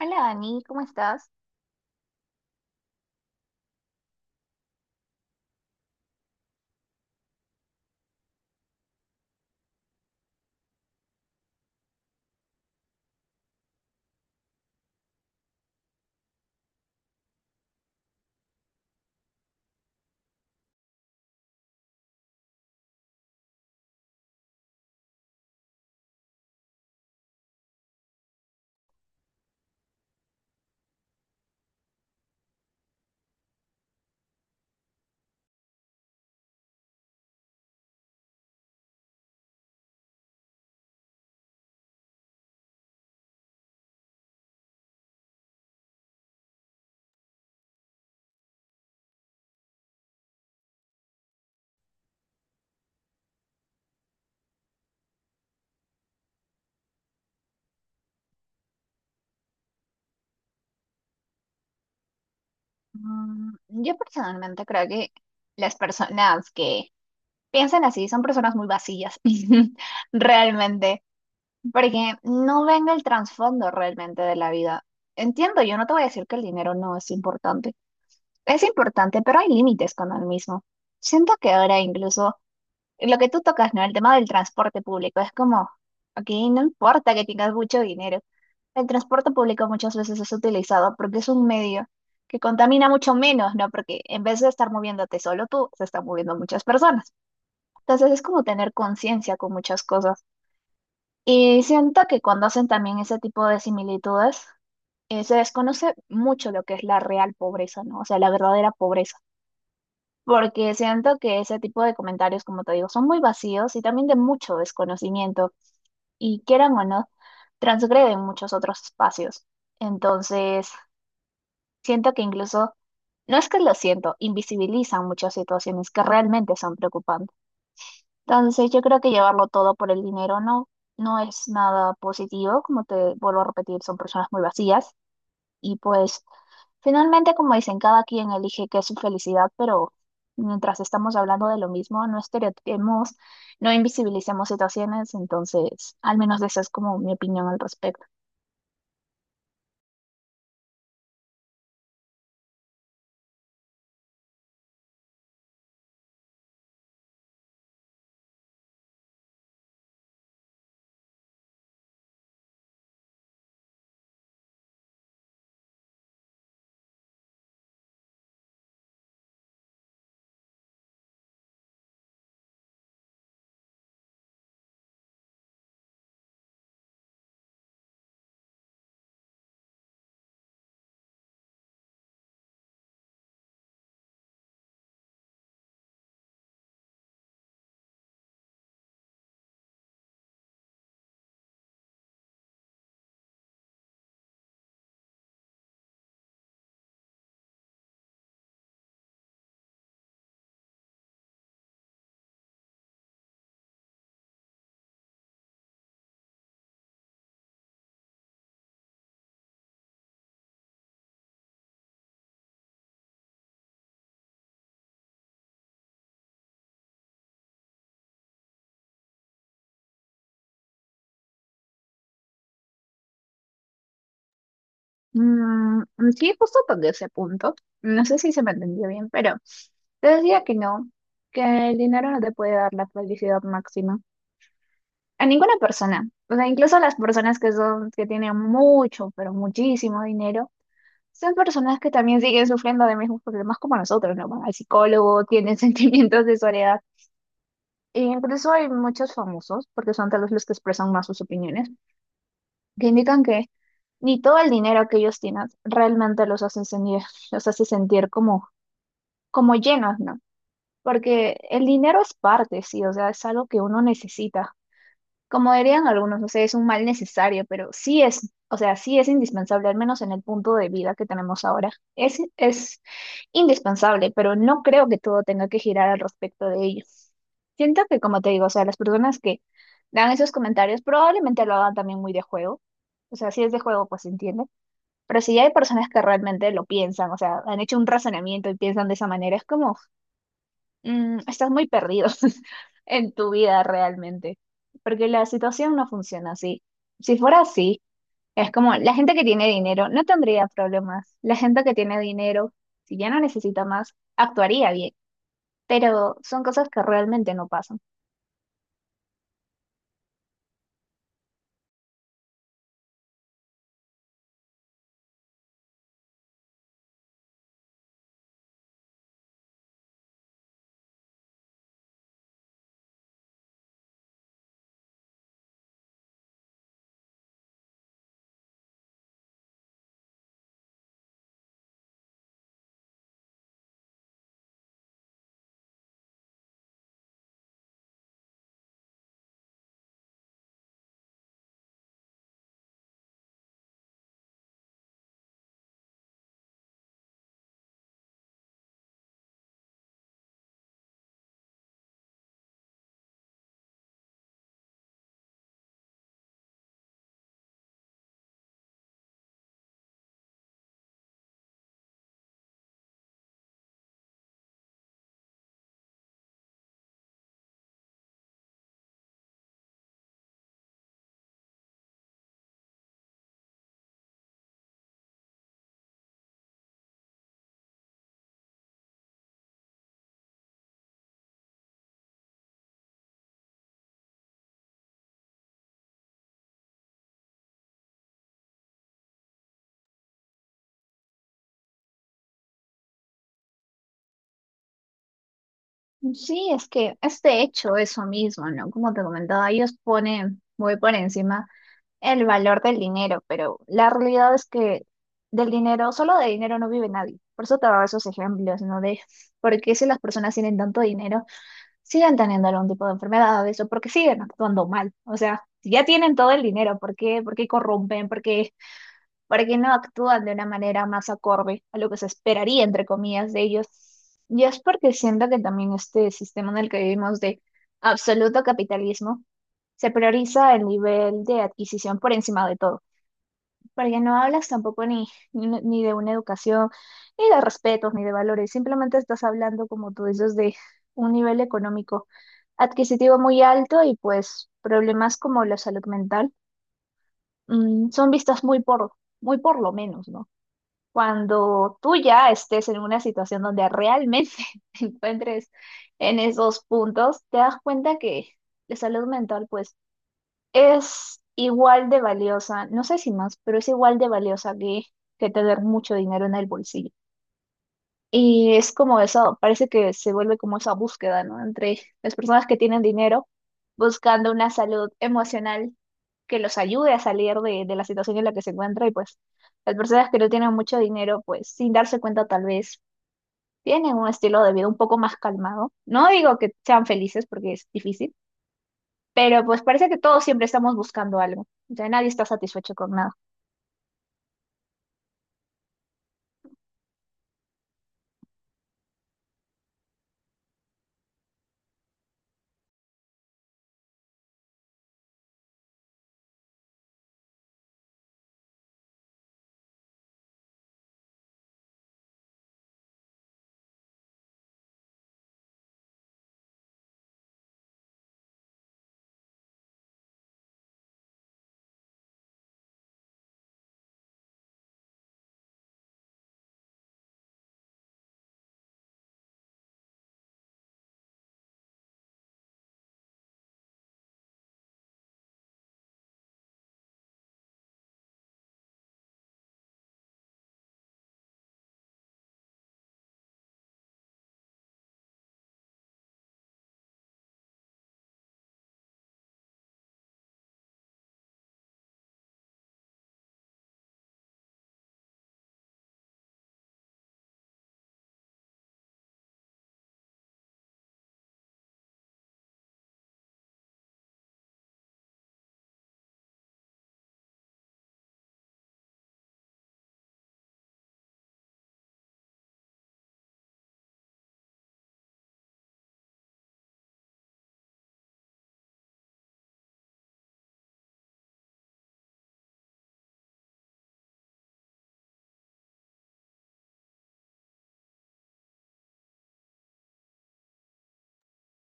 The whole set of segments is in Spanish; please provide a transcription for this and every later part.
Hola Dani, ¿cómo estás? Mm, yo personalmente creo que las personas que piensan así son personas muy vacías, realmente, porque no ven el trasfondo realmente de la vida. Entiendo, yo no te voy a decir que el dinero no es importante. Es importante, pero hay límites con el mismo. Siento que ahora incluso lo que tú tocas, ¿no? El tema del transporte público. Es como, aquí no importa que tengas mucho dinero. El transporte público muchas veces es utilizado porque es un medio que contamina mucho menos, ¿no? Porque en vez de estar moviéndote solo tú, se están moviendo muchas personas. Entonces es como tener conciencia con muchas cosas. Y siento que cuando hacen también ese tipo de similitudes, se desconoce mucho lo que es la real pobreza, ¿no? O sea, la verdadera pobreza porque siento que ese tipo de comentarios, como te digo, son muy vacíos y también de mucho desconocimiento y quieran o no, transgreden muchos otros espacios. Entonces, siento que incluso, no es que lo siento, invisibilizan muchas situaciones que realmente son preocupantes. Entonces, yo creo que llevarlo todo por el dinero no, no es nada positivo, como te vuelvo a repetir, son personas muy vacías y pues... Finalmente, como dicen, cada quien elige qué es su felicidad, pero mientras estamos hablando de lo mismo, no estereotipemos, no invisibilicemos situaciones, entonces, al menos esa es como mi opinión al respecto. Mm, sí, justo toqué ese punto. No sé si se me entendió bien, pero te decía que no, que el dinero no te puede dar la felicidad máxima. A ninguna persona, o sea, incluso a las personas que son, que tienen mucho, pero muchísimo dinero. Son personas que también siguen sufriendo de mismos problemas como nosotros, ¿no? Van al psicólogo, tienen sentimientos de soledad. E incluso hay muchos famosos, porque son tal vez los que expresan más sus opiniones, que indican que ni todo el dinero que ellos tienen realmente los hace sentir como, como llenos, ¿no? Porque el dinero es parte, sí, o sea, es algo que uno necesita, como dirían algunos, no sé, es un mal necesario, pero sí es, o sea, sí es indispensable, al menos en el punto de vida que tenemos ahora. Es indispensable, pero no creo que todo tenga que girar al respecto de ello. Siento que, como te digo, o sea, las personas que dan esos comentarios probablemente lo hagan también muy de juego. O sea, si es de juego, pues se entiende. Pero si hay personas que realmente lo piensan, o sea, han hecho un razonamiento y piensan de esa manera, es como estás muy perdido en tu vida realmente, porque la situación no funciona así. Si fuera así, es como la gente que tiene dinero no tendría problemas. La gente que tiene dinero, si ya no necesita más, actuaría bien, pero son cosas que realmente no pasan. Sí, es que este hecho eso mismo, ¿no? Como te comentaba, ellos ponen muy por encima el valor del dinero, pero la realidad es que del dinero, solo de dinero no vive nadie. Por eso te daba esos ejemplos, ¿no? De por qué si las personas tienen tanto dinero, siguen teniendo algún tipo de enfermedades o porque siguen actuando mal. O sea, si ya tienen todo el dinero, ¿por qué? ¿Por qué corrompen? Porque no actúan de una manera más acorde a lo que se esperaría, entre comillas, de ellos. Y es porque siento que también este sistema en el que vivimos de absoluto capitalismo, se prioriza el nivel de adquisición por encima de todo, porque no hablas tampoco ni de una educación, ni de respetos, ni de valores, simplemente estás hablando, como tú dices, de un nivel económico adquisitivo muy alto y pues problemas como la salud mental, son vistas muy por, muy por lo menos, ¿no? Cuando tú ya estés en una situación donde realmente te encuentres en esos puntos, te das cuenta que la salud mental pues es igual de valiosa, no sé si más, pero es igual de valiosa que tener mucho dinero en el bolsillo. Y es como eso parece que se vuelve como esa búsqueda, ¿no? Entre las personas que tienen dinero buscando una salud emocional que los ayude a salir de la situación en la que se encuentra y pues las personas que no tienen mucho dinero, pues sin darse cuenta tal vez tienen un estilo de vida un poco más calmado. No digo que sean felices porque es difícil, pero pues parece que todos siempre estamos buscando algo. O sea, nadie está satisfecho con nada.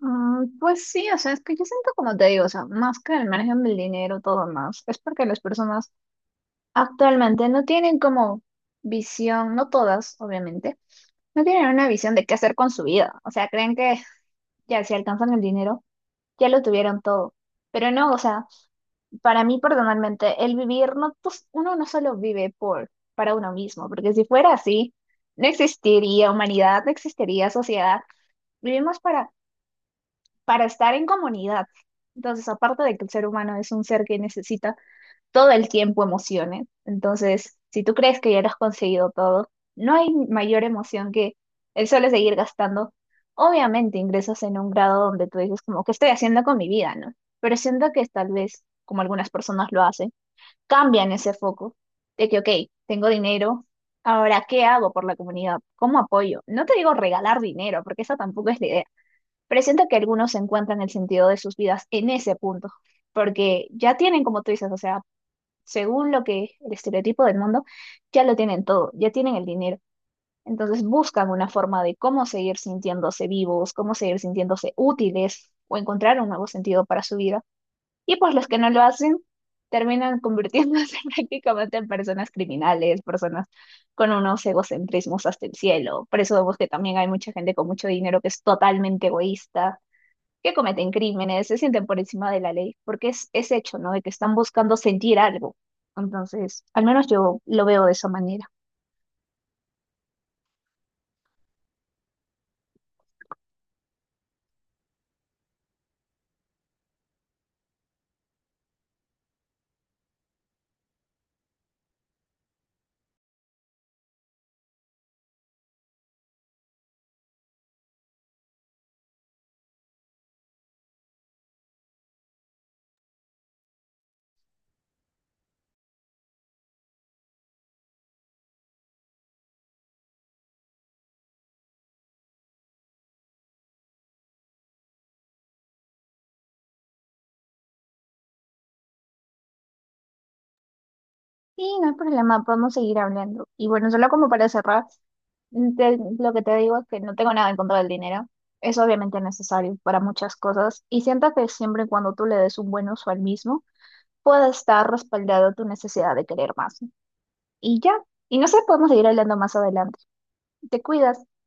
Pues sí, o sea, es que yo siento como te digo, o sea, más que el margen del dinero, todo más, es porque las personas actualmente no tienen como visión, no todas, obviamente, no tienen una visión de qué hacer con su vida. O sea, creen que ya si alcanzan el dinero, ya lo tuvieron todo. Pero no, o sea, para mí personalmente, el vivir, no, pues, uno no solo vive por, para uno mismo, porque si fuera así, no existiría humanidad, no existiría sociedad. Vivimos para estar en comunidad. Entonces, aparte de que el ser humano es un ser que necesita todo el tiempo emociones. Entonces, si tú crees que ya lo has conseguido todo, no hay mayor emoción que el solo seguir gastando. Obviamente ingresas en un grado donde tú dices como, ¿qué estoy haciendo con mi vida, no? Pero siento que tal vez, como algunas personas lo hacen, cambian ese foco de que, ok, tengo dinero, ahora, ¿qué hago por la comunidad? ¿Cómo apoyo? No te digo regalar dinero, porque esa tampoco es la idea, pero siento que algunos encuentran el sentido de sus vidas en ese punto, porque ya tienen, como tú dices, o sea, según lo que el estereotipo del mundo, ya lo tienen todo, ya tienen el dinero. Entonces buscan una forma de cómo seguir sintiéndose vivos, cómo seguir sintiéndose útiles o encontrar un nuevo sentido para su vida. Y pues los que no lo hacen terminan convirtiéndose prácticamente en personas criminales, personas con unos egocentrismos hasta el cielo. Por eso vemos que también hay mucha gente con mucho dinero que es totalmente egoísta que cometen crímenes, se sienten por encima de la ley, porque es hecho, ¿no? De que están buscando sentir algo. Entonces, al menos yo lo veo de esa manera. Y no hay problema, podemos seguir hablando. Y bueno, solo como para cerrar, lo que te digo es que no tengo nada en contra del dinero. Es obviamente necesario para muchas cosas y siento que siempre y cuando tú le des un buen uso al mismo, puede estar respaldado tu necesidad de querer más. Y ya, y no sé, podemos seguir hablando más adelante. Te cuidas.